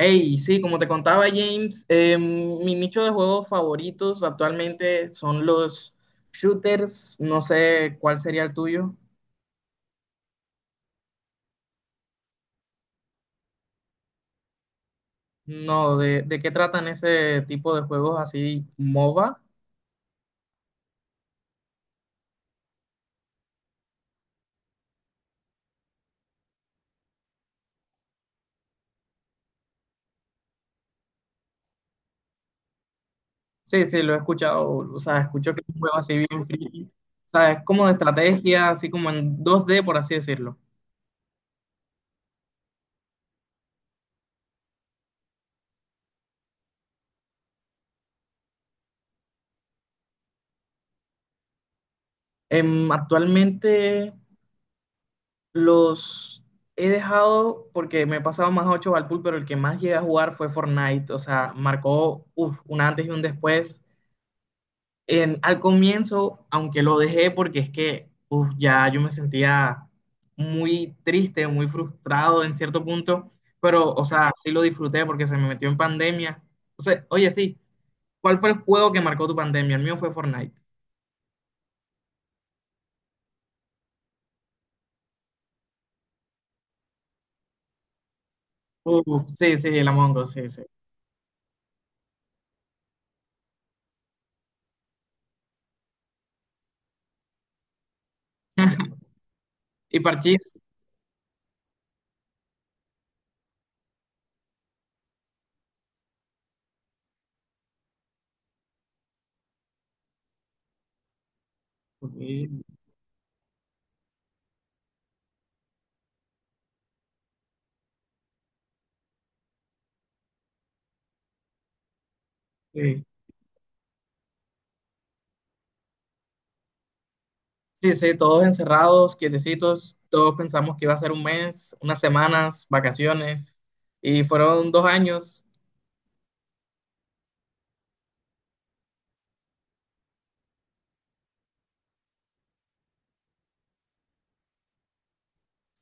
Hey, sí, como te contaba James, mi nicho de juegos favoritos actualmente son los shooters. No sé cuál sería el tuyo. No, de qué tratan ese tipo de juegos así, MOBA? Sí, sí, lo he escuchado. O sea, escucho que es un juego así bien friki. O sea, es como de estrategia, así como en dos d por así decirlo. Actualmente los he dejado porque me he pasado más 8 al pool, pero el que más llegué a jugar fue Fortnite. O sea, marcó uf, un antes y un después. Al comienzo, aunque lo dejé porque es que uf, ya yo me sentía muy triste, muy frustrado en cierto punto, pero, o sea, sí lo disfruté porque se me metió en pandemia. O sea, oye, sí, ¿cuál fue el juego que marcó tu pandemia? El mío fue Fortnite. Uf, sí, sí, el Among Us, sí, sí. Y Parchís. Ok, sí. Sí, sí, todos encerrados, quietecitos, todos pensamos que iba a ser un mes, unas semanas, vacaciones, y fueron 2 años.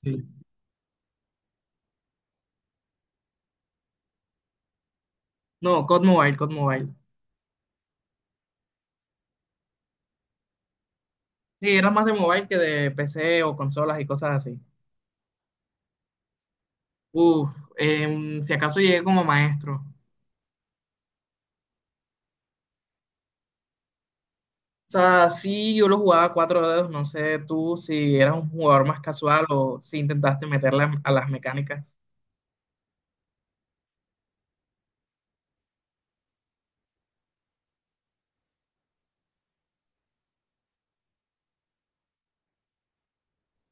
Sí. No, COD Mobile, COD Mobile. Sí, era más de mobile que de PC o consolas y cosas así. Uf, si acaso llegué como maestro. O sea, sí, yo lo jugaba a cuatro dedos, no sé tú si eras un jugador más casual o si intentaste meterle a las mecánicas.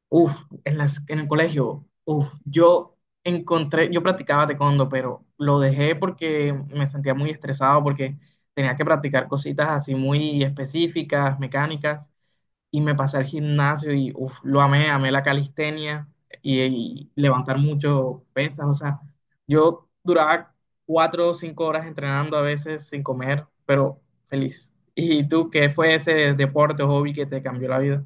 Uf, en el colegio, uf, yo practicaba taekwondo, pero lo dejé porque me sentía muy estresado, porque tenía que practicar cositas así muy específicas, mecánicas, y me pasé al gimnasio y uf, lo amé, amé la calistenia y levantar mucho pesas, o sea, yo duraba 4 o 5 horas entrenando a veces sin comer, pero feliz. ¿Y tú qué fue ese deporte o hobby que te cambió la vida?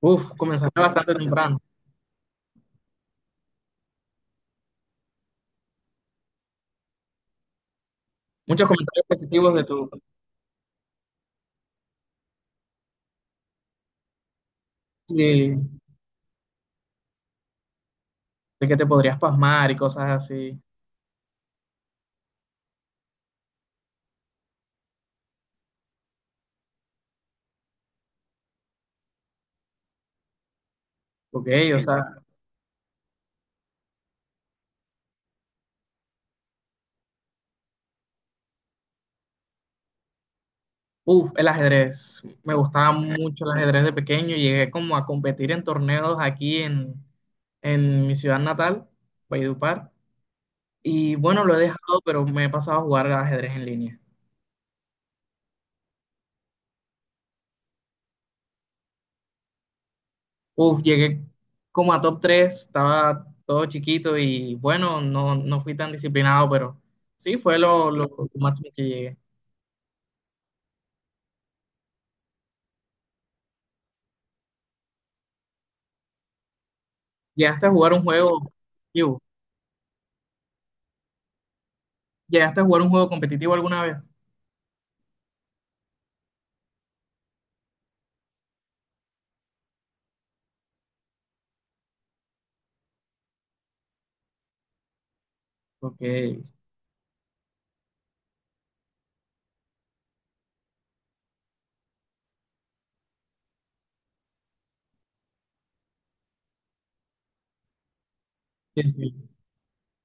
Uf, comenzaste bastante temprano. Muchos comentarios positivos de de, de que te podrías pasmar y cosas así. Ok, o sea, uff, el ajedrez. Me gustaba mucho el ajedrez de pequeño. Llegué como a competir en torneos aquí en mi ciudad natal, Valledupar. Y bueno, lo he dejado, pero me he pasado a jugar al ajedrez en línea. Uf, llegué como a top 3 estaba todo chiquito y bueno, no, no fui tan disciplinado, pero sí, fue lo máximo que llegué. ¿Llegaste a jugar un juego? ¿Llegaste a jugar un juego competitivo alguna vez? Porque sí, sí,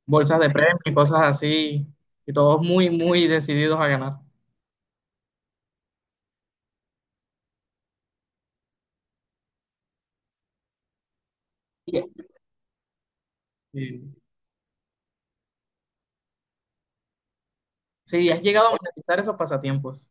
bolsas de premio y cosas así, y todos muy, muy decididos a ganar. Sí, sí, sí, has llegado a monetizar esos pasatiempos.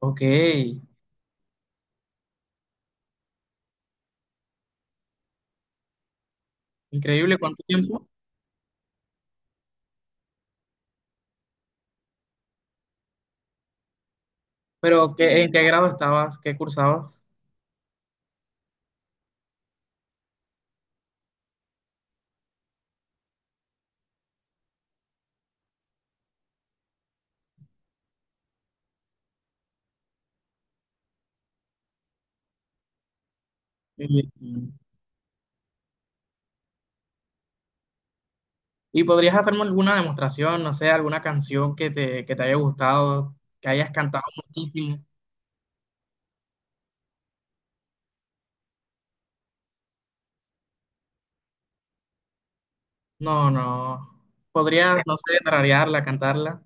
Ok, increíble cuánto tiempo. Pero en qué grado estabas? ¿Qué cursabas? Y, y podrías hacerme alguna demostración, no sé, alguna canción que te haya gustado, que hayas cantado muchísimo. No, no. Podrías, no sé, tararearla, cantarla.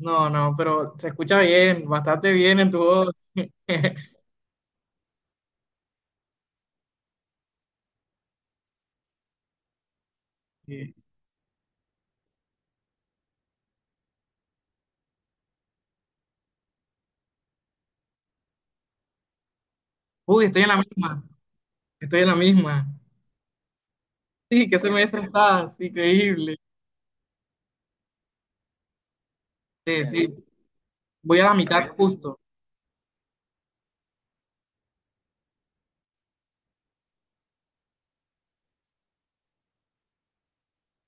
No, no, pero se escucha bien, bastante bien en tu voz. Sí. Uy, estoy en la misma, estoy en la misma. Sí, qué semestre estás, increíble. Sí, sí, voy a la mitad justo.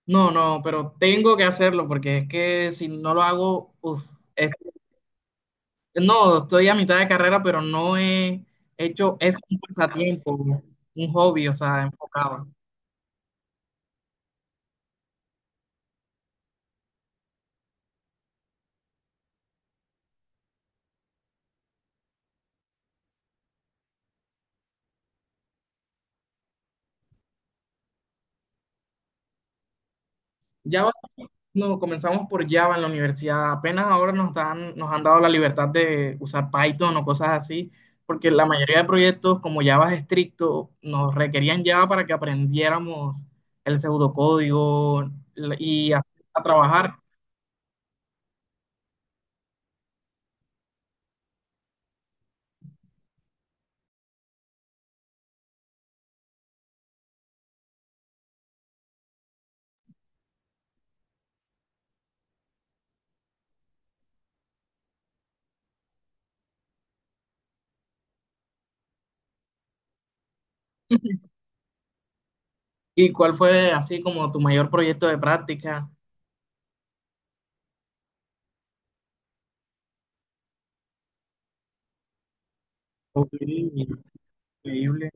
No, no, pero tengo que hacerlo porque es que si no lo hago, uf, es- no, estoy a mitad de carrera, pero no he hecho, es un pasatiempo, un hobby, o sea, enfocado. Ya no, comenzamos por Java en la universidad. Apenas ahora nos han dado la libertad de usar Python o cosas así, porque la mayoría de proyectos, como Java es estricto, nos requerían Java para que aprendiéramos el pseudocódigo y a trabajar. ¿Y cuál fue así como tu mayor proyecto de práctica? Ok, increíble.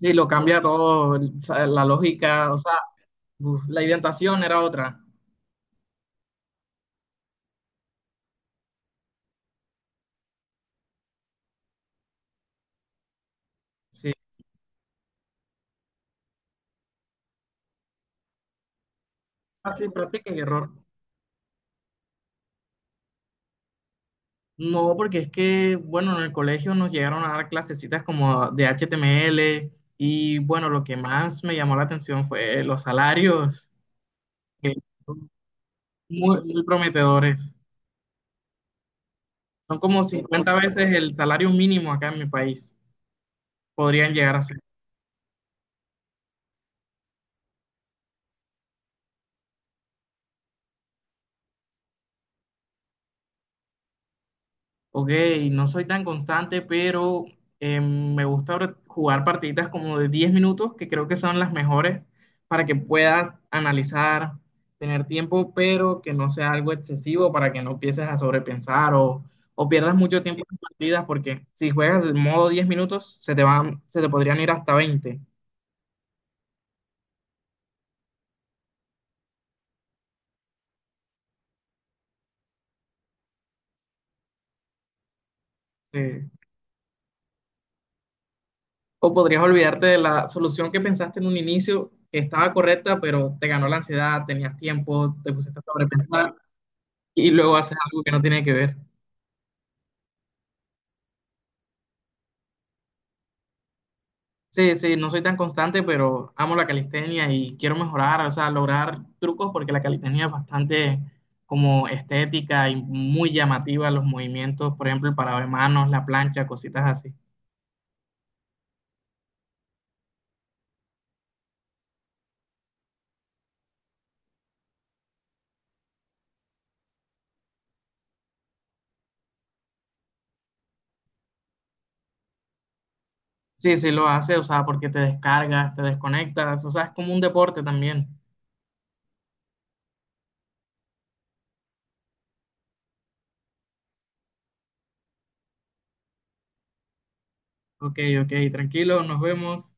Sí, lo cambia todo, o sea, la lógica, o sea, uf, la identación era otra. Sí, así, práctica y error. No, porque es que, bueno, en el colegio nos llegaron a dar clasecitas como de HTML y, bueno, lo que más me llamó la atención fue los salarios, que son muy, muy prometedores. Son como 50 veces el salario mínimo acá en mi país. Podrían llegar a ser. Ok, no soy tan constante, pero me gusta ahora jugar partiditas como de 10 minutos, que creo que son las mejores para que puedas analizar, tener tiempo, pero que no sea algo excesivo para que no empieces a sobrepensar o pierdas mucho tiempo en partidas, porque si juegas de modo 10 minutos, se te podrían ir hasta 20, eh, o podrías olvidarte de la solución que pensaste en un inicio, que estaba correcta, pero te ganó la ansiedad, tenías tiempo, te pusiste a sobrepensar. Y luego haces algo que no tiene que ver. Sí, sí, no soy tan constante, pero amo la calistenia y quiero mejorar, o sea, lograr trucos porque la calistenia es bastante como estética y muy llamativa los movimientos, por ejemplo, el parado de manos, la plancha, cositas así. Sí, sí lo hace, o sea, porque te descargas, te desconectas, o sea, es como un deporte también. Ok, ok, tranquilo, nos vemos.